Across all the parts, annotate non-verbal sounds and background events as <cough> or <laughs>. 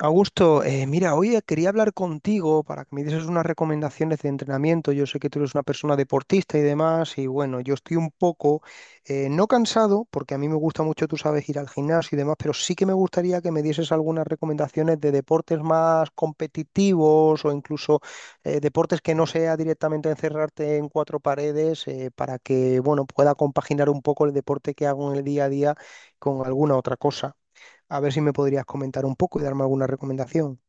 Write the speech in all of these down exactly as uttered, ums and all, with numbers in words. Augusto, eh, mira, hoy eh, quería hablar contigo para que me dieses unas recomendaciones de entrenamiento. Yo sé que tú eres una persona deportista y demás, y bueno, yo estoy un poco, eh, no cansado, porque a mí me gusta mucho, tú sabes, ir al gimnasio y demás, pero sí que me gustaría que me dieses algunas recomendaciones de deportes más competitivos o incluso eh, deportes que no sea directamente encerrarte en cuatro paredes, eh, para que, bueno, pueda compaginar un poco el deporte que hago en el día a día con alguna otra cosa. A ver si me podrías comentar un poco y darme alguna recomendación.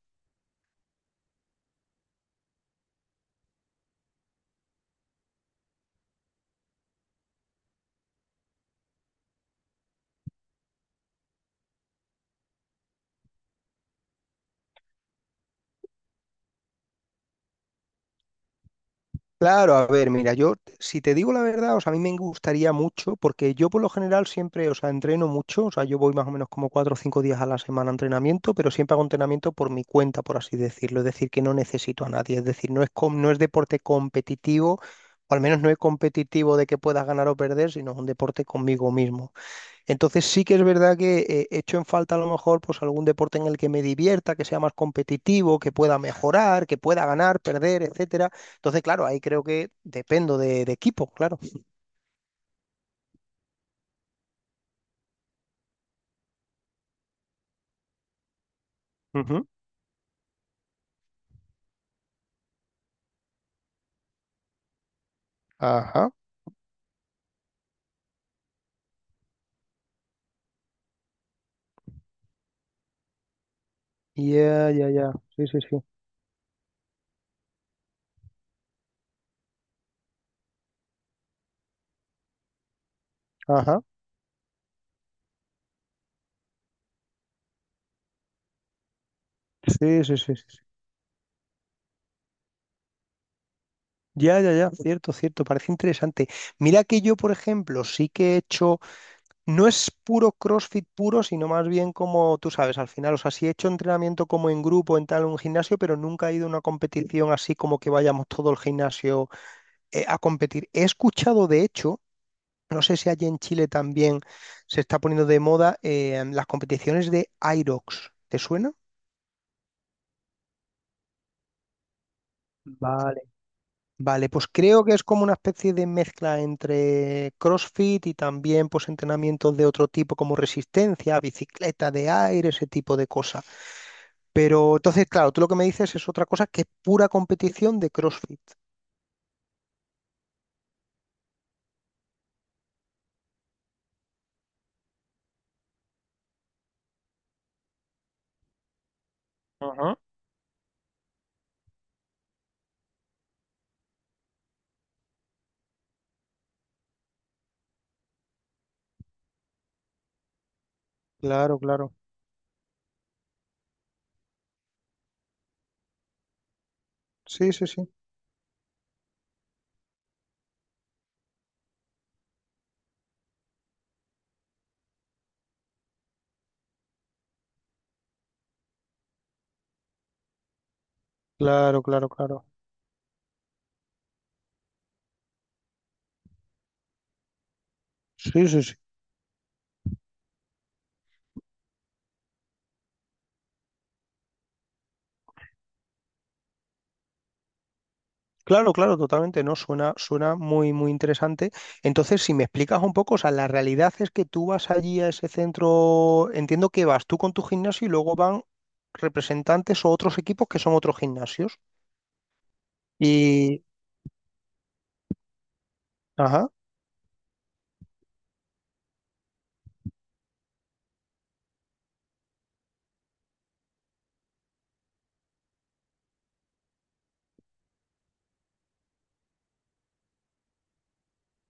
Claro, a ver, mira, yo si te digo la verdad, o sea, a mí me gustaría mucho, porque yo por lo general siempre, o sea, entreno mucho, o sea, yo voy más o menos como cuatro o cinco días a la semana a entrenamiento, pero siempre hago entrenamiento por mi cuenta, por así decirlo, es decir, que no necesito a nadie, es decir, no es, com- no es deporte competitivo, o al menos no es competitivo de que puedas ganar o perder, sino es un deporte conmigo mismo. Entonces sí que es verdad que eh, echo en falta a lo mejor pues algún deporte en el que me divierta, que sea más competitivo, que pueda mejorar, que pueda ganar, perder, etcétera. Entonces, claro, ahí creo que dependo de, de equipo, claro. Ujú. Ajá. Ya, ya, ya. Sí, sí, sí. Ajá. Sí, sí, sí, sí, sí. Ya, ya, ya. Cierto, cierto. Parece interesante. Mira que yo, por ejemplo, sí que he hecho. No es puro CrossFit puro, sino más bien como tú sabes, al final, o sea, sí he hecho entrenamiento como en grupo, en tal, un gimnasio, pero nunca he ido a una competición así como que vayamos todo el gimnasio eh, a competir. He escuchado, de hecho, no sé si allí en Chile también se está poniendo de moda eh, las competiciones de Irox. ¿Te suena? Vale. Vale, pues creo que es como una especie de mezcla entre CrossFit y también pues entrenamientos de otro tipo como resistencia, bicicleta de aire, ese tipo de cosas. Pero entonces, claro, tú lo que me dices es otra cosa que es pura competición de CrossFit. Ajá. Claro, claro. Sí, sí, sí. Claro, claro, claro. Sí, sí, sí. Claro, claro, totalmente, ¿no? Suena, suena muy, muy interesante. Entonces, si me explicas un poco, o sea, la realidad es que tú vas allí a ese centro, entiendo que vas tú con tu gimnasio y luego van representantes o otros equipos que son otros gimnasios. Y, ajá,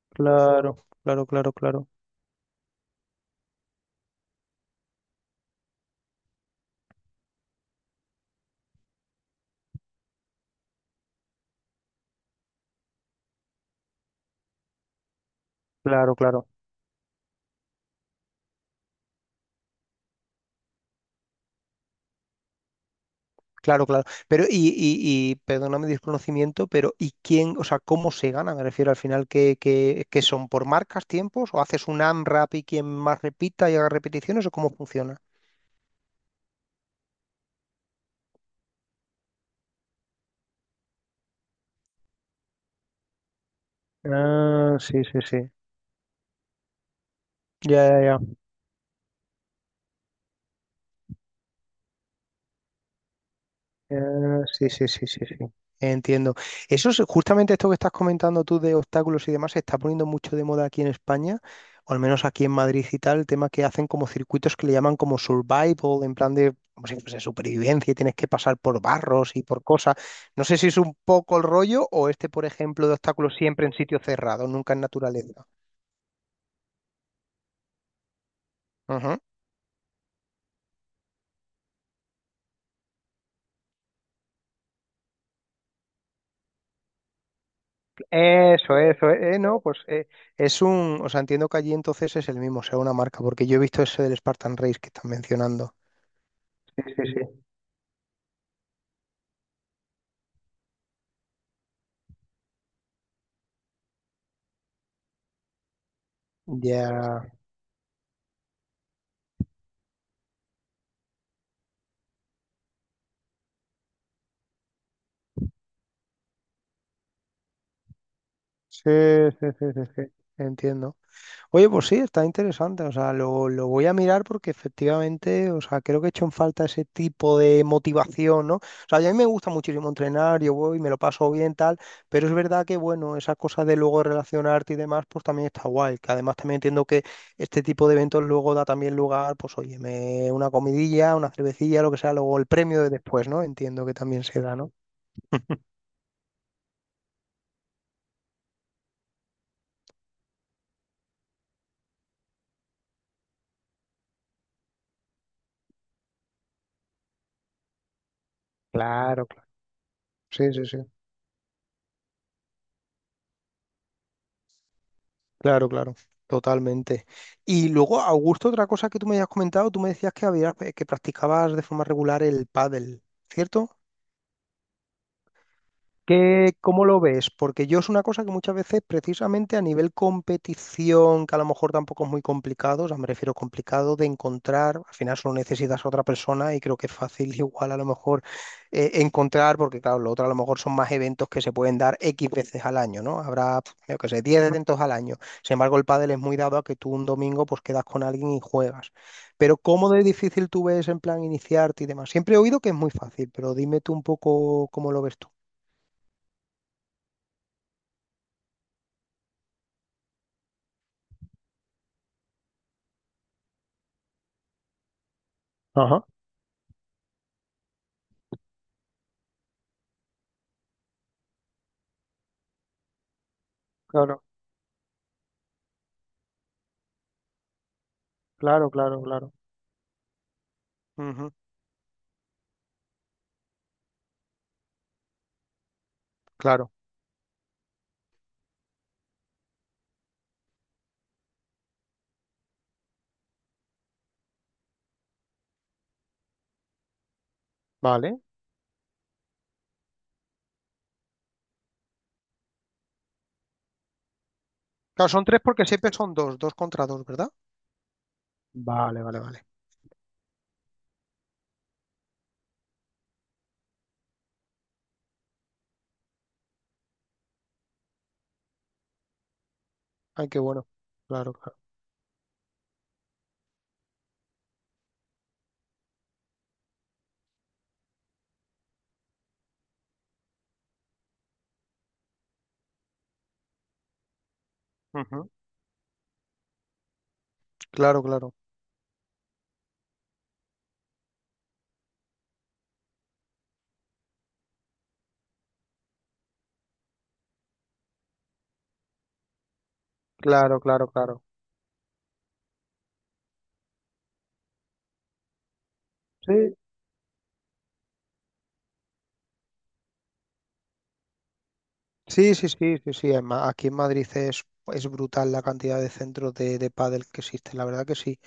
claro, claro, claro, claro, claro, claro. Claro, claro. Pero, y, y, y perdóname mi desconocimiento, pero ¿y quién, o sea, cómo se gana? Me refiero al final, ¿qué, qué, qué son? ¿Por marcas, tiempos? ¿O haces un A M R A P y quien más repita y haga repeticiones? ¿O cómo funciona? Ah, sí, sí, sí. Ya, ya, ya. Ah, sí, sí, sí, sí, sí. Entiendo. Eso es justamente esto que estás comentando tú de obstáculos y demás, se está poniendo mucho de moda aquí en España, o al menos aquí en Madrid y tal, el tema que hacen como circuitos que le llaman como survival, en plan de, como si fuese supervivencia y tienes que pasar por barros y por cosas. No sé si es un poco el rollo o este, por ejemplo, de obstáculos siempre en sitio cerrado, nunca en naturaleza. Ujú. Eso, eso, eh, no, pues eh, Es un, o sea, entiendo que allí entonces es el mismo, o sea, una marca, porque yo he visto ese del Spartan Race que están mencionando. Sí, sí, sí. Ya. Sí, sí, sí, sí, sí, entiendo. Oye, pues sí, está interesante, o sea, lo, lo voy a mirar porque efectivamente, o sea, creo que he hecho en falta ese tipo de motivación, ¿no? O sea, a mí me gusta muchísimo entrenar, yo voy, me lo paso bien, tal, pero es verdad que, bueno, esas cosas de luego relacionarte y demás, pues también está guay, que además también entiendo que este tipo de eventos luego da también lugar, pues oye, me- una comidilla, una cervecilla, lo que sea, luego el premio de después, ¿no? Entiendo que también se da, ¿no? Claro, claro. Sí, sí, sí. Claro, claro, totalmente. Y luego, Augusto, otra cosa que tú me habías comentado, tú me decías que habías, que practicabas de forma regular el pádel, ¿cierto? ¿Qué, cómo lo ves? Porque yo es una cosa que muchas veces, precisamente a nivel competición, que a lo mejor tampoco es muy complicado, o sea, me refiero complicado de encontrar, al final solo necesitas a otra persona y creo que es fácil <laughs> igual a lo mejor eh, encontrar, porque claro, lo otro a lo mejor son más eventos que se pueden dar X veces al año, ¿no? Habrá, pf, yo qué sé, diez eventos al año. Sin embargo, el pádel es muy dado a que tú un domingo pues quedas con alguien y juegas. Pero ¿cómo de difícil tú ves en plan iniciarte y demás? Siempre he oído que es muy fácil, pero dime tú un poco cómo lo ves tú. Ajá. Claro, claro, claro, claro. Ujú, claro, vale. Claro, son tres porque siempre son dos, dos contra dos, ¿verdad? Vale, vale, vale. Ay, qué bueno. Claro, claro. Ujú, claro, claro, claro, claro, claro. Sí, sí, sí, sí, sí, sí. En Ma- aquí en Madrid es, es brutal la cantidad de centros de, de pádel que existen, la verdad que sí.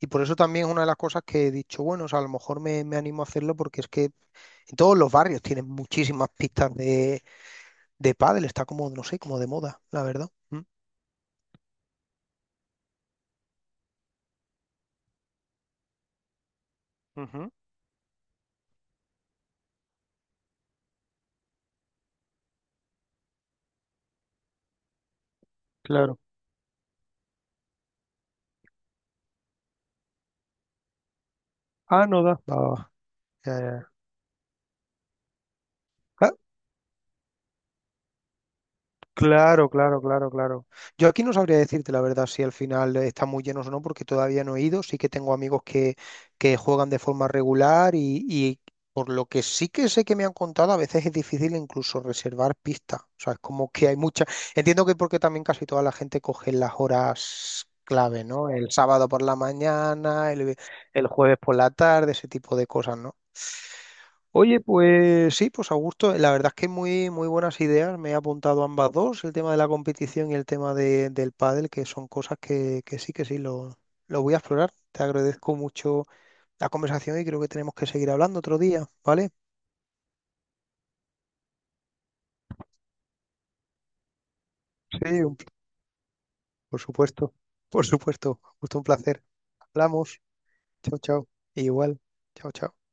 Y por eso también es una de las cosas que he dicho, bueno, o sea, a lo mejor me, me animo a hacerlo porque es que en todos los barrios tienen muchísimas pistas de, de pádel, está como, no sé, como de moda, la verdad. Mm. Ujú. Claro. Ah, no da. Ah, ya, ya. Ah, claro, claro, claro, claro. Yo aquí no sabría decirte la verdad si al final está muy lleno o no, porque todavía no he ido. Sí que tengo amigos que, que juegan de forma regular y, y por lo que sí que sé que me han contado, a veces es difícil incluso reservar pistas. O sea, es como que hay mucha. Entiendo que porque también casi toda la gente coge las horas clave, ¿no? El sábado por la mañana, el, el jueves por la tarde, ese tipo de cosas, ¿no? Oye, pues sí, pues Augusto, la verdad es que muy, muy buenas ideas. Me he apuntado ambas dos, el tema de la competición y el tema de- del pádel, que son cosas que, que sí, que sí, lo, lo voy a explorar. Te agradezco mucho la conversación y creo que tenemos que seguir hablando otro día, ¿vale? Sí, un- por supuesto, por supuesto. Justo un placer. Hablamos. Chao, chao. Igual. Chao, chao.